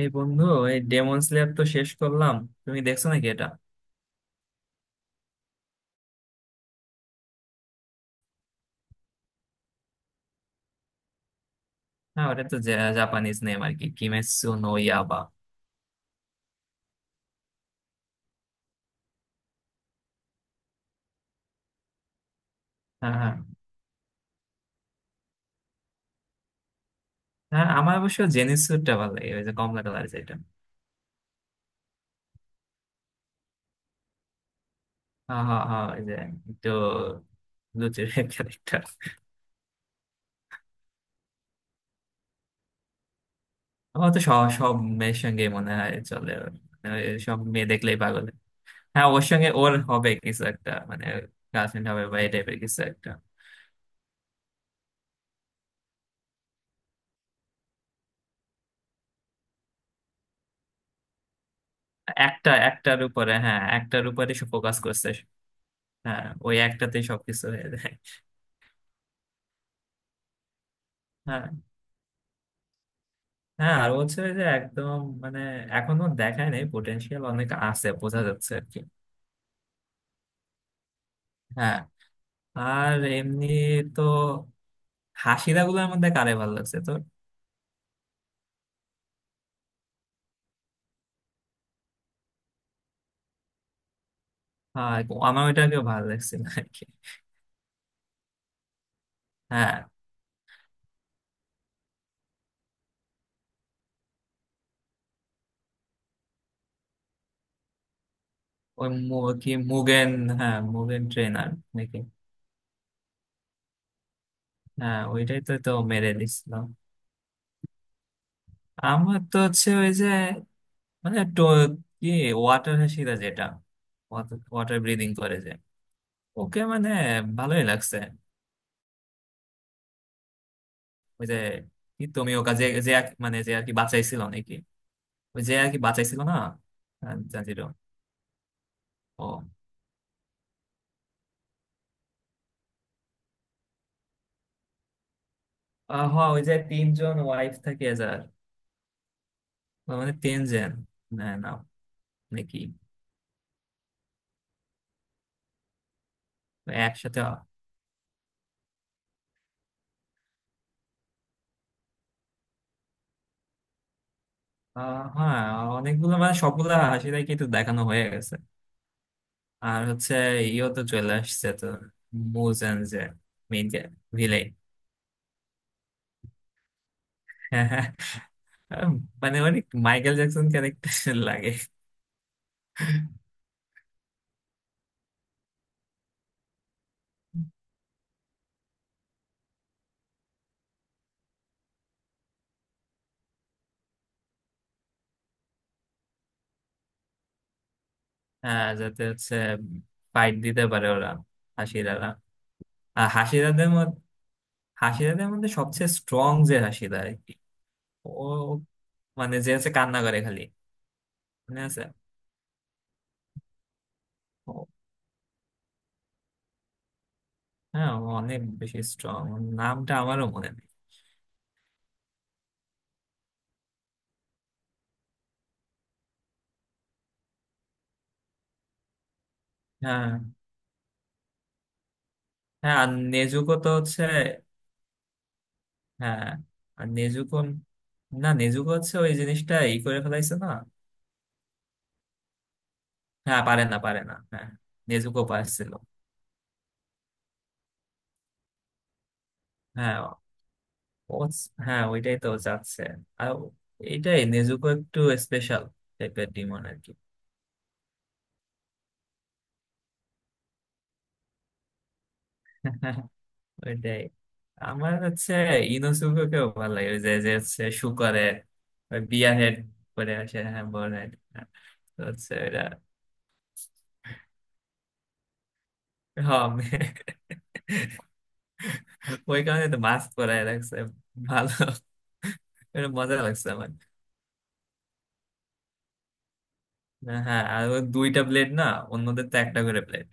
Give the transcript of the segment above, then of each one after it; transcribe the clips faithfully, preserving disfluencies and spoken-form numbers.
এই বন্ধু, এই ডেমন স্লেয়ার তো শেষ করলাম। তুমি দেখছো নাকি এটা? হ্যাঁ, ওটা তো জা- জাপানিজ নেম আর কি, কিমেৎসু নো ইয়াইবা। হ্যাঁ হ্যাঁ হ্যাঁ আমার অবশ্য জেনিসুটা ভালো লাগে, ওই যে কমলা কালার যেটা। হ্যাঁ হ্যাঁ হ্যাঁ ওই যে একটু লুচের ক্যারেক্টার। আমার তো সব সব মেয়ের সঙ্গে মনে হয় চলে ওর। মানে ওই, সব মেয়ে দেখলেই পাগল। হ্যাঁ, ওর সঙ্গে ওর হবে কিছু একটা, মানে গার্লফ্রেন্ড হবে বা এই টাইপের কিছু একটা। একটা একটার উপরে, হ্যাঁ একটার উপরে সে ফোকাস করছে। হ্যাঁ, ওই একটাতেই সবকিছু হয়ে যায়। হ্যাঁ, হ্যাঁ আর হচ্ছে যে একদম মানে এখনো দেখায় নাই, পোটেনশিয়াল অনেক আছে বোঝা যাচ্ছে আর কি। হ্যাঁ, আর এমনি তো হাসিরা গুলোর মধ্যে কারে ভালো লাগছে তোর? হ্যাঁ, আমার ওইটাকে ভালো লাগছিল আর কি। হ্যাঁ ওই মু- কি মুগেন, হ্যাঁ মুগেন ট্রেনার নাকি। হ্যাঁ, ওইটাই তো তো মেরে দিছিল। আমার তো হচ্ছে ওই যে মানে টো- কি, ওয়াটার হাসিরা যেটা, ওয়াটার ব্রিদিং করে যে, ওকে মানে ভালোই লাগছে। ওই যে কি তুমি ওকে, যে যে আর- মানে যে আর কি বাঁচাইছিল নাকি, ওই যে আর কি বাঁচাইছিল না। আহ, জাজিরো। ও, আহ, হ, ওই যে তিনজন ওয়াইফ থাকে যার। মানে তিনজন, না না, নাকি একসাথে। আহ, হ্যাঁ, অনেকগুলো মানে সবগুলা হাসি দেখি তো দেখানো হয়ে গেছে। আর হচ্ছে ইও তো চলে আসছে তো, মুজেন যে, মেইন ভিলেন। মানে অনেক মাইকেল জ্যাকসন ক্যারেক্টার লাগে। হ্যাঁ, যাতে হচ্ছে ফাইট দিতে পারে ওরা, হাসিরারা। আর হাসিরাদের মধ্যে, হাসিরাদের মধ্যে সবচেয়ে স্ট্রং যে হাসিরা আর কি, ও মানে, যে হচ্ছে কান্না করে খালি, মনে আছে? ও, হ্যাঁ ও অনেক বেশি স্ট্রং। নামটা আমারও মনে নেই। হ্যাঁ, হ্যাঁ আর নেজুকো তো হচ্ছে, হ্যাঁ আর নেজুকো, না নেজুকো হচ্ছে ওই জিনিসটা ই করে ফেলাইছে না। হ্যাঁ, পারে না পারে না হ্যাঁ। নেজুকো পারছিল। হ্যাঁ, ও হ্যাঁ, ওইটাই তো যাচ্ছে। আর এইটাই, নেজুকো একটু স্পেশাল টাইপের ডিমন আর কি। ওইটাই। আমার হচ্ছে ইনোসুকেও ভালো লাগে, ওই যে যে হচ্ছে শু করে, ওই বিয়ার হেড করে আসে, হ্যাঁ বড় head। তো হচ্ছে ওইটা। হম, ওই কারণে তো মাস্ক পরায় রাখছে। ভালো, এটা মজা লাগছে আমার। হ্যাঁ, আর ওর দুইটা প্লেট না, অন্যদের তো একটা করে প্লেট।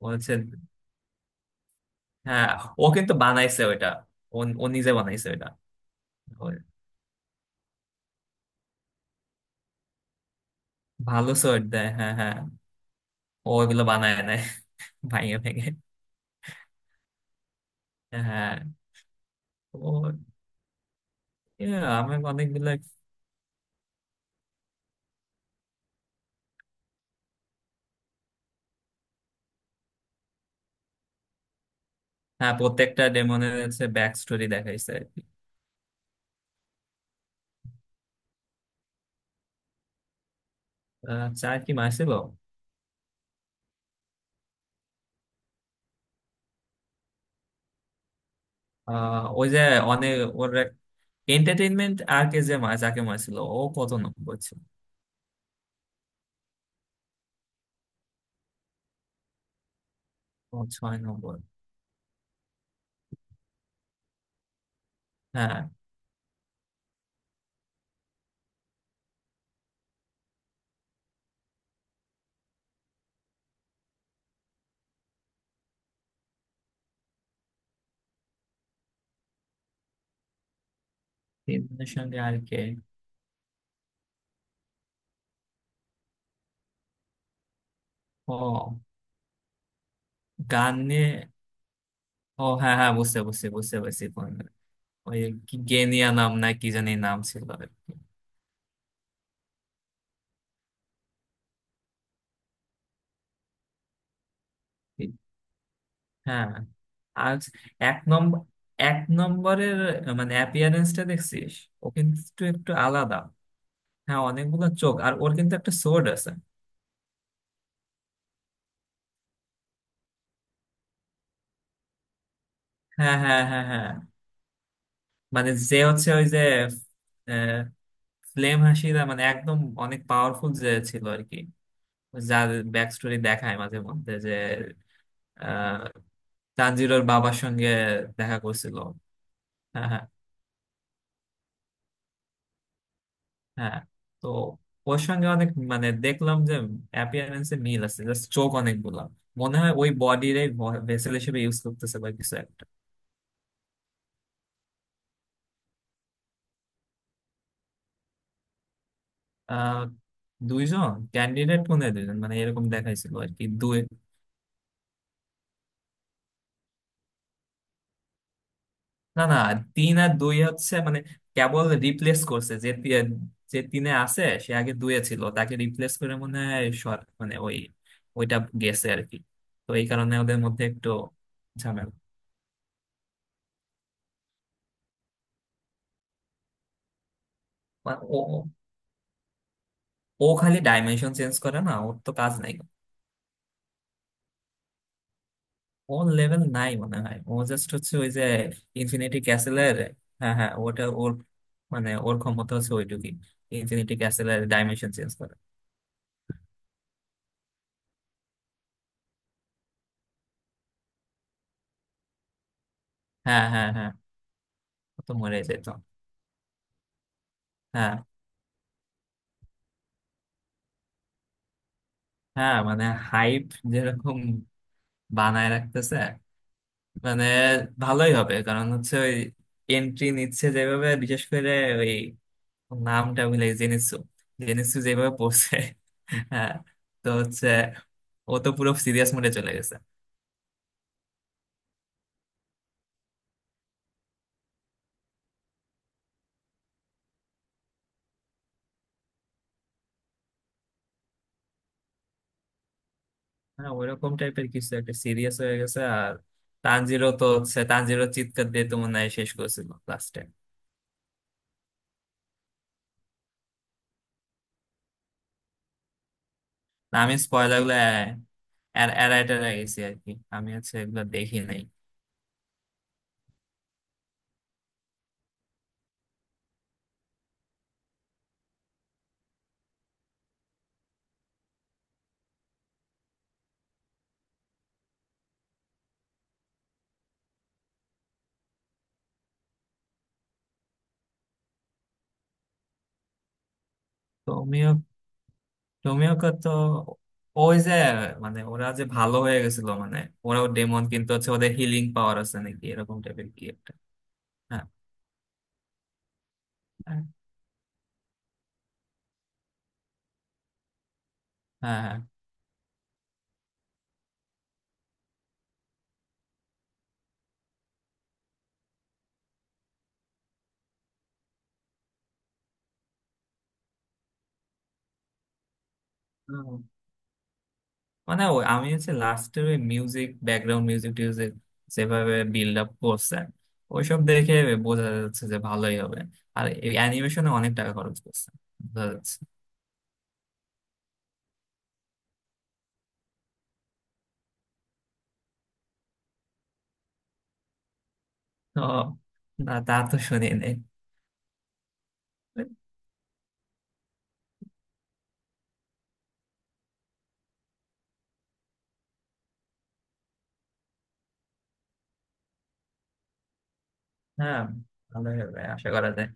ও হচ্ছে, হ্যাঁ ও কিন্তু বানাইছে ওইটা, ও ও নিজে বানাইছে। ওর ভালো শট দেয়, হ্যাঁ হ্যাঁ। ও ওগুলো বানায় নেয়, ভেঙে ভেঙে, হ্যাঁ। ও yeah, আমার অনেকগুলো। হ্যাঁ, প্রত্যেকটা ডেমনের হচ্ছে ব্যাক স্টোরি দেখাইছে। আহ, চার কি মারছিল? আহ, ওই যে অনেক ওর এন্টারটেইনমেন্ট আর কে যে মা- যাকে মারছিল ও কত নম্বর ছিল? ও ছয় নম্বর। হ্যাঁ, তিনজনের সঙ্গে আর কে? ও গান নিয়ে। ও হ্যাঁ হ্যাঁ, বুঝতে বুঝতে বুঝতে পারছি, কোন গান? ওই কি গেনিয়া নাম না কি জানি নাম ছিল আর কি। হ্যাঁ আর এক নম্বর, এক নম্বরের মানে অ্যাপিয়ারেন্সটা দেখছিস, ও কিন্তু একটু আলাদা। হ্যাঁ অনেকগুলো চোখ, আর ওর কিন্তু একটা সোর্ড আছে। হ্যাঁ হ্যাঁ হ্যাঁ হ্যাঁ, মানে যে হচ্ছে ওই যে আহ, ফ্লেম হাসিরা, মানে একদম অনেক পাওয়ারফুল যে ছিল আর কি, যার ব্যাক স্টোরি দেখায় মাঝে মধ্যে যে, আহ, তানজিরোর বাবার সঙ্গে দেখা করছিল। হ্যাঁ হ্যাঁ হ্যাঁ, তো ওর সঙ্গে অনেক মানে দেখলাম যে অ্যাপিয়ারেন্সে মিল আছে, জাস্ট চোখ অনেকগুলা। মনে হয় ওই বডির ভেসেল হিসেবে ইউজ করতেছে বা কিছু একটা। আহ, দুইজন ক্যান্ডিডেট মনে হয়, দুইজন মানে এরকম দেখাইছিল আর কি, দুই। না না, তিন আর দুই হচ্ছে মানে কেবল রিপ্লেস করছে যে তি- যে তিনে আছে সে আগে দুয়ে ছিল, তাকে রিপ্লেস করে মনে হয় সর- মানে ওই ওইটা গেছে আর কি। তো এই কারণে ওদের মধ্যে একটু ঝামেলা। ও খালি ডাইমেনশন চেঞ্জ করে, না ওর তো কাজ নাই। ওর লেভেল নাই মনে হয়, ও জাস্ট হচ্ছে ওই যে ইনফিনিটি ক্যাসেলের, হ্যাঁ হ্যাঁ ওটা ওর, মানে ওর ক্ষমতা হচ্ছে ওইটুকুই, ইনফিনিটি ক্যাসেলের ডাইমেনশন চেঞ্জ করে। হ্যাঁ হ্যাঁ হ্যাঁ ও তো মরে যেত। হ্যাঁ, হ্যাঁ মানে হাইপ যেরকম বানায় রাখতেছে, মানে ভালোই হবে, কারণ হচ্ছে ওই এন্ট্রি নিচ্ছে যেভাবে, বিশেষ করে ওই, নামটা ভুলে গেছি, জেনিসু, জেনিসু যেভাবে পড়ছে। হ্যাঁ, তো হচ্ছে ও তো পুরো সিরিয়াস মোডে চলে গেছে। হ্যাঁ, ওইরকম টাইপের কিছু একটা সিরিয়াস হয়ে গেছে। আর তানজিরও তো হচ্ছে, তানজিরও চিৎকার দিয়ে তো মনে হয় শেষ করেছিল লাস্টে। না, আমি স্পয়লার গুলো এড়া- এড়ায় টেড়ায় গেছি আর কি, আমি হচ্ছে এগুলো দেখি নাই। তুমিও, তুমিও ক- তো ওই যে মানে ওরা যে ভালো হয়ে গেছিল মানে, ওরাও ডেমন কিন্তু হচ্ছে ওদের হিলিং পাওয়ার আছে নাকি এরকম টাইপের কি একটা। হ্যাঁ হ্যাঁ হ্যাঁ। হুম। মানে ওই, আমি হচ্ছে লাস্টের ওই মিউজিক, ব্যাকগ্রাউন্ড মিউজিক টিউজিক যেভাবে বিল্ড আপ করছে, ওইসব দেখে বোঝা যাচ্ছে যে ভালোই হবে। আর এই অ্যানিমেশনে অনেক টাকা খরচ করছে, বোঝা যাচ্ছে। তো না, তা তো শুনি নাই। হ্যাঁ, ভালোই হবে আশা করা যায়।